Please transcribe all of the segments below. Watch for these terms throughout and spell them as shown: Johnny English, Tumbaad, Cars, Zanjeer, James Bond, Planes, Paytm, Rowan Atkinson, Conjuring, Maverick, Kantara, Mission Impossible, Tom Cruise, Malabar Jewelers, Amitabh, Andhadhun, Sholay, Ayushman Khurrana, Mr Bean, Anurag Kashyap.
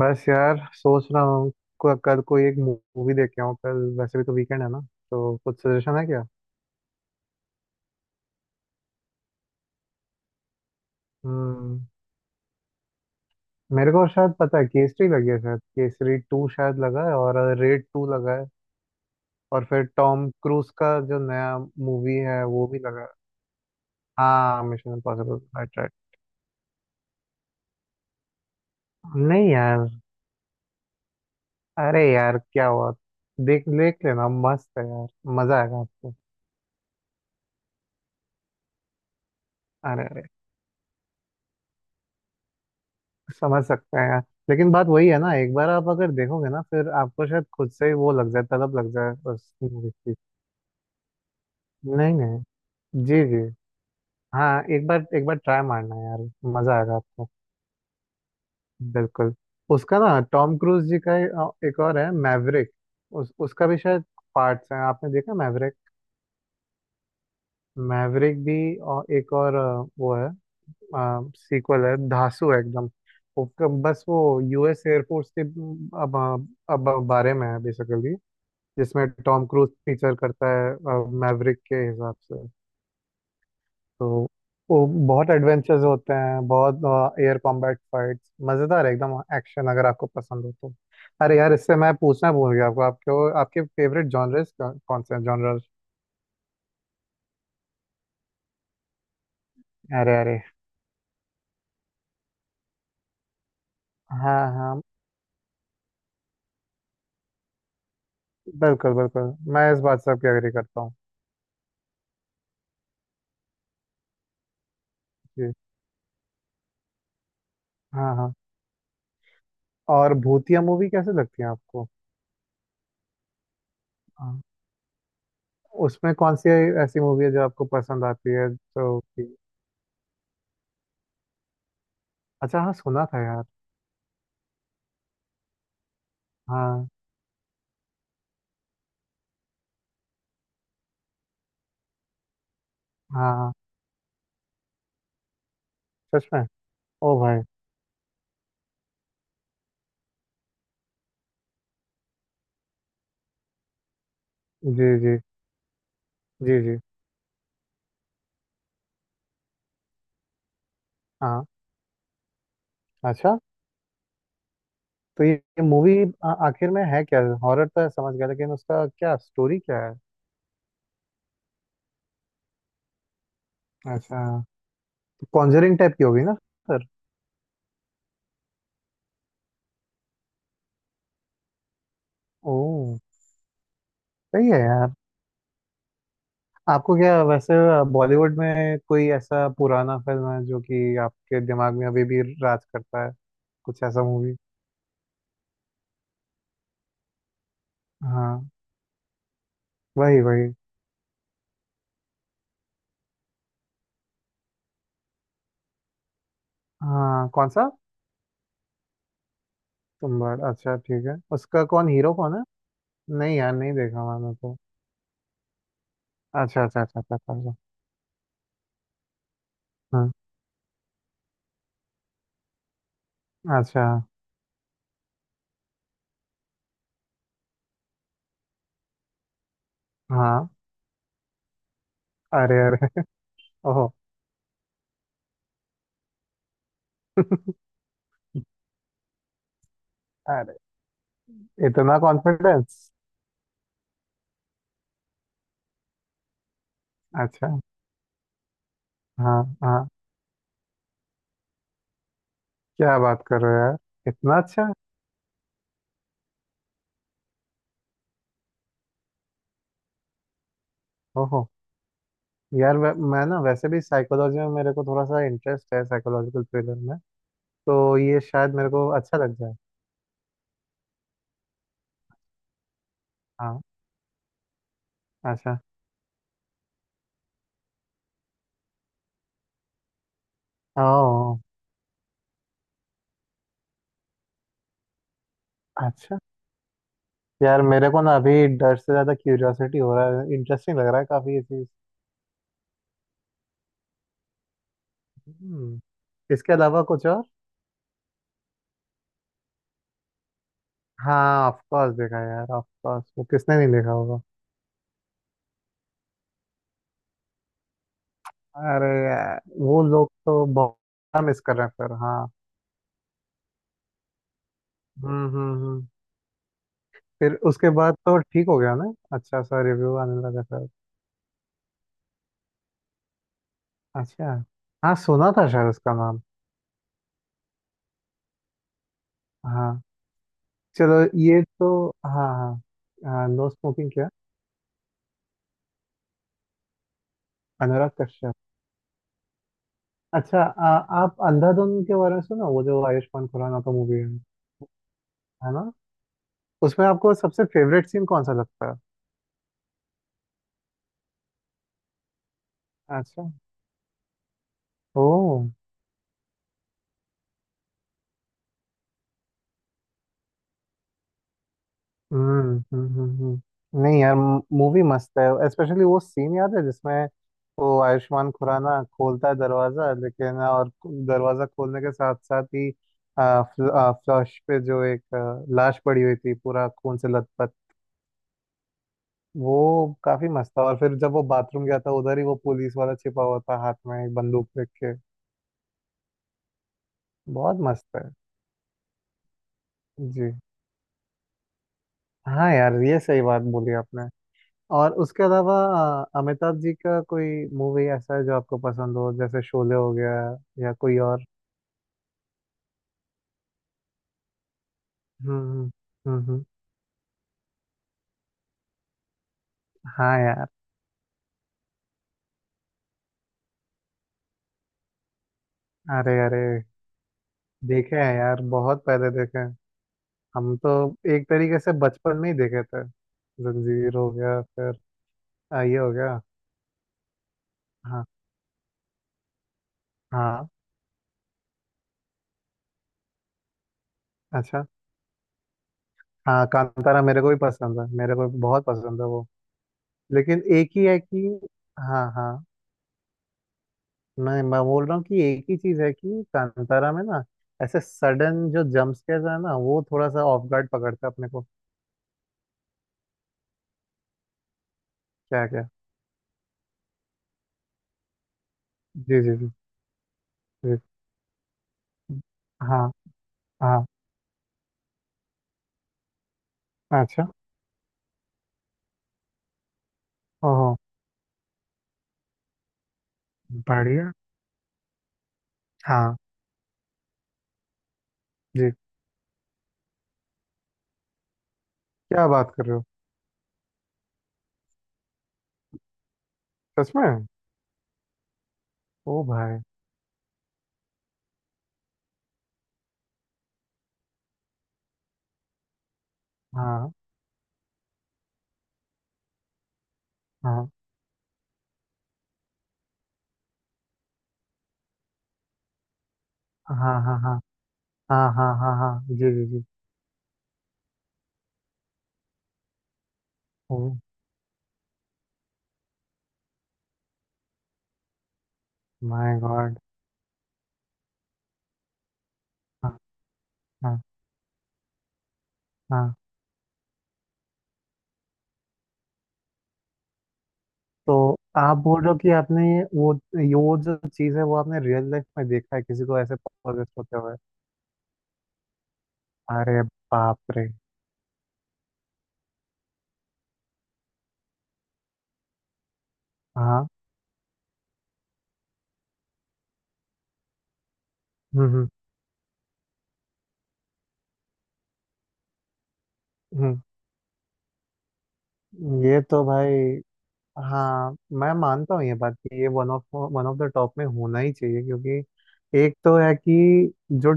बस यार सोच रहा हूँ। कल कोई एक मूवी देख के आऊँ। कल वैसे भी तो वीकेंड है ना, तो कुछ सजेशन है क्या? हम्म, मेरे को शायद पता है, केसरी लगी है शायद, केसरी टू शायद लगा है, और रेड टू लगा है। और फिर टॉम क्रूज का जो नया मूवी है वो भी लगा है। हाँ, मिशन इम्पॉसिबल। Right, right. नहीं यार, अरे यार क्या हुआ, देख देख लेना, मस्त है यार। मजा आएगा आपको। अरे, समझ सकते हैं। लेकिन बात वही है ना, एक बार आप अगर देखोगे ना, फिर आपको शायद खुद से ही वो लग जाए, तलब लग जाए उस मूवी की। नहीं नहीं, जी जी। हाँ, एक बार ट्राई मारना यार, मजा आएगा आपको। बिल्कुल। उसका ना टॉम क्रूज जी का, एक और है मैवरिक। उस उसका भी शायद पार्ट्स हैं, आपने देखा मैवरिक? मैवरिक भी, और एक और वो है, सीक्वल है, धांसू है एकदम। वो क- बस वो यूएस एयरफोर्स के अब अब बारे में है बेसिकली, जिसमें टॉम क्रूज फीचर करता है मैवरिक के हिसाब से। तो वो बहुत एडवेंचर्स होते हैं, बहुत एयर कॉम्बैट फाइट्स, मज़ेदार है एकदम, एक्शन अगर आपको पसंद हो तो। अरे यार, इससे मैं पूछना भूल गया आपको, आपके आपके फेवरेट जॉनर्स कौन से हैं, जॉनर्स? अरे अरे। हाँ हाँ। बिल्कुल बिल्कुल, मैं इस बात से आपकी एग्री करता हूँ। जी। हाँ हाँ। और भूतिया मूवी कैसे लगती है आपको? हाँ। उसमें कौन सी ऐसी मूवी है जो आपको पसंद आती है तो? अच्छा, हाँ सुना था यार। हाँ। हाँ। सच में। ओ भाई। जी जी जी जी। हाँ। अच्छा, तो ये मूवी आखिर में है क्या? हॉरर तो है, समझ गया, लेकिन उसका क्या स्टोरी क्या है? अच्छा। तो कॉन्जरिंग टाइप की होगी ना सर? ओ। सही है यार। आपको क्या वैसे बॉलीवुड में कोई ऐसा पुराना फिल्म है जो कि आपके दिमाग में अभी भी राज करता है? कुछ ऐसा मूवी। हाँ। वही वही। हाँ कौन सा? तुम्बाड़, अच्छा ठीक है। उसका कौन, हीरो कौन है? नहीं यार, नहीं देखा मैंने तो। अच्छा अच्छा अच्छा अच्छा, समझा। हम्म। अच्छा। हाँ। अरे अरे। ओहो। अरे। इतना कॉन्फिडेंस। अच्छा। हाँ। हाँ क्या बात कर रहे हो यार, इतना अच्छा। ओहो। यार मैं ना वैसे भी साइकोलॉजी में मेरे को थोड़ा सा इंटरेस्ट है, साइकोलॉजिकल थ्रिलर में। तो ये शायद मेरे को अच्छा लग जाए। हाँ। अच्छा। ओह। अच्छा। यार मेरे को ना अभी डर से ज़्यादा क्यूरियोसिटी हो रहा है, इंटरेस्टिंग लग रहा है काफ़ी ये चीज़। हम्म, इसके अलावा कुछ और? हाँ ऑफ कोर्स, देखा है यार, ऑफ कोर्स, वो किसने नहीं देखा होगा। अरे यार, वो लोग तो बहुत मिस कर रहे हैं फिर। हाँ हम्म। फिर उसके बाद तो ठीक हो गया ना, अच्छा सा रिव्यू आने लगा फिर। अच्छा। हाँ सुना था शायद उसका नाम। हाँ, चलो ये तो। हाँ हाँ। हाँ नो स्मोकिंग क्या? अनुराग कश्यप। अच्छा। आप अंधाधुन के बारे में सुना, वो जो आयुष्मान खुराना का मूवी है? है ना। उसमें आपको सबसे फेवरेट सीन कौन सा लगता है? अच्छा। ओ। नहीं यार, मूवी मस्त है। स्पेशली वो सीन याद है जिसमें वो आयुष्मान खुराना खोलता है दरवाजा, लेकिन और दरवाजा खोलने के साथ साथ ही फ्लश पे जो एक लाश पड़ी हुई थी, पूरा खून से लथपथ। वो काफी मस्त था। और फिर जब वो बाथरूम गया था, उधर ही वो पुलिस वाला छिपा हुआ था, हाथ में एक बंदूक रख के। बहुत मस्त है। जी। हाँ यार, ये सही बात बोली आपने। और उसके अलावा अमिताभ जी का कोई मूवी ऐसा है जो आपको पसंद हो, जैसे शोले हो गया या कोई और? हम्म हम्म हम्म, हाँ यार। अरे अरे, देखे हैं यार, बहुत पहले देखे हैं। हम तो एक तरीके से बचपन में ही देखे थे। जंजीर हो गया, फिर ये हो गया। हाँ हाँ। अच्छा। हाँ कांतारा मेरे को भी पसंद है, मेरे को भी बहुत पसंद है वो। लेकिन एक ही है कि, हाँ हाँ, मैं बोल रहा हूँ कि एक ही चीज है कि कांतारा में ना, ऐसे सडन जो जंप स्केयर है ना, वो थोड़ा सा ऑफ गार्ड पकड़ता है अपने को। क्या क्या? जी जी जी। जी। हाँ। हाँ। अच्छा। ओहो। बढ़िया। हाँ। जी। क्या बात कर रहे हो, सच में। ओ भाई। हाँ हाँ हाँ हाँ। हाँ हाँ हाँ हाँ हाँ जी जी जी। Oh my god. हाँ। हाँ। हाँ। तो आप बोल रहे हो कि आपने ये वो, ये वो जो चीज़ है वो आपने रियल लाइफ में देखा है, किसी को ऐसे पॉजेस होते हुए? अरे बाप रे। हाँ। हम्म। हम्म ये तो भाई, हाँ मैं मानता हूँ ये बात कि ये one of, one of the top में होना ही चाहिए क्योंकि एक तो है कि जो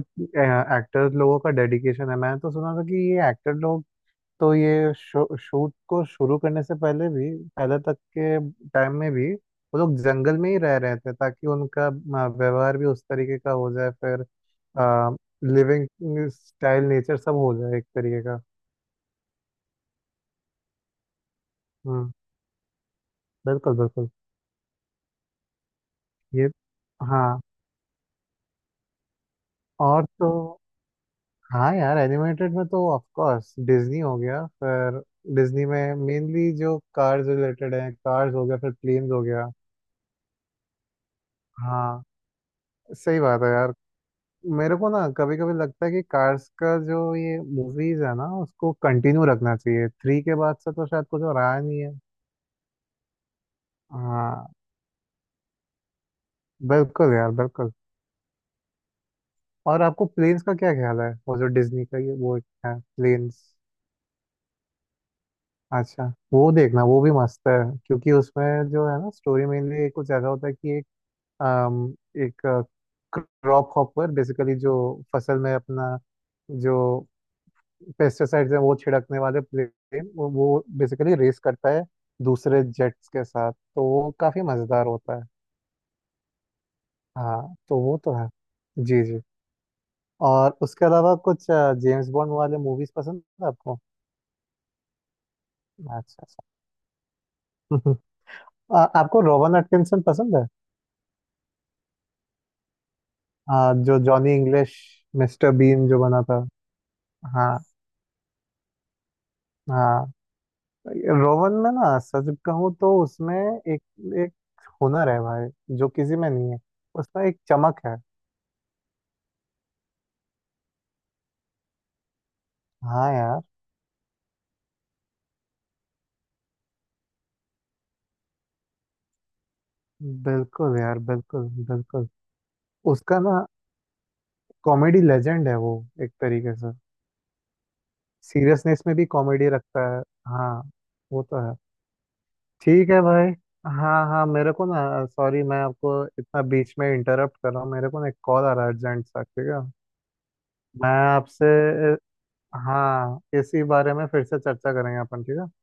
एक्टर्स लोगों का डेडिकेशन है, मैंने तो सुना था कि ये एक्टर लोग तो ये शूट को शुरू करने से पहले भी, पहले तक के टाइम में भी वो लोग जंगल में ही रह रहे थे ताकि उनका व्यवहार भी उस तरीके का हो जाए फिर, लिविंग स्टाइल नेचर सब हो जाए एक तरीके का। हम्म। बिल्कुल बिल्कुल। ये, हाँ। और तो, हाँ यार एनिमेटेड में तो ऑफ कोर्स डिज्नी हो गया फिर। डिज्नी में मेनली जो कार्स रिलेटेड है, कार्स हो गया, फिर प्लेन्स हो गया। हाँ सही बात है यार। मेरे को ना कभी कभी लगता है कि कार्स का जो ये मूवीज है ना, उसको कंटिन्यू रखना चाहिए। थ्री के बाद से तो शायद कुछ और आया नहीं है। हाँ बिल्कुल यार बिल्कुल। और आपको प्लेन्स का क्या ख्याल है, वो जो डिज्नी का ये वो है प्लेन्स? अच्छा, वो देखना, वो भी मस्त है। क्योंकि उसमें जो है ना, स्टोरी मेनली एक कुछ ज्यादा होता है कि एक अम, एक क्रॉप हॉपर बेसिकली जो फसल में अपना जो पेस्टिसाइड्स हैं वो छिड़कने वाले प्लेन, वो बेसिकली रेस करता है दूसरे जेट्स के साथ, तो वो काफी मजेदार होता है। हाँ तो वो तो है। जी जी। और उसके अलावा कुछ जेम्स बॉन्ड वाले मूवीज पसंद है आपको? अच्छा अच्छा। आपको रोवन एटकिंसन पसंद है? हाँ, जो जॉनी इंग्लिश, मिस्टर बीन जो बना था। हाँ। हाँ। रोवन में ना सच कहूँ तो उसमें एक, एक हुनर है भाई जो किसी में नहीं है। उसमें एक चमक है। हाँ यार। बिल्कुल यार बिल्कुल बिल्कुल। उसका ना, कॉमेडी लेजेंड है वो, एक तरीके से। सीरियसनेस में भी कॉमेडी रखता है। हाँ, वो तो है। ठीक है भाई। हाँ हाँ, मेरे को ना सॉरी, मैं आपको इतना बीच में इंटरप्ट कर रहा हूँ। मेरे को ना एक कॉल आ रहा है अर्जेंट सा, ठीक है? मैं आपसे, हाँ इसी बारे में फिर से चर्चा करेंगे अपन, ठीक है।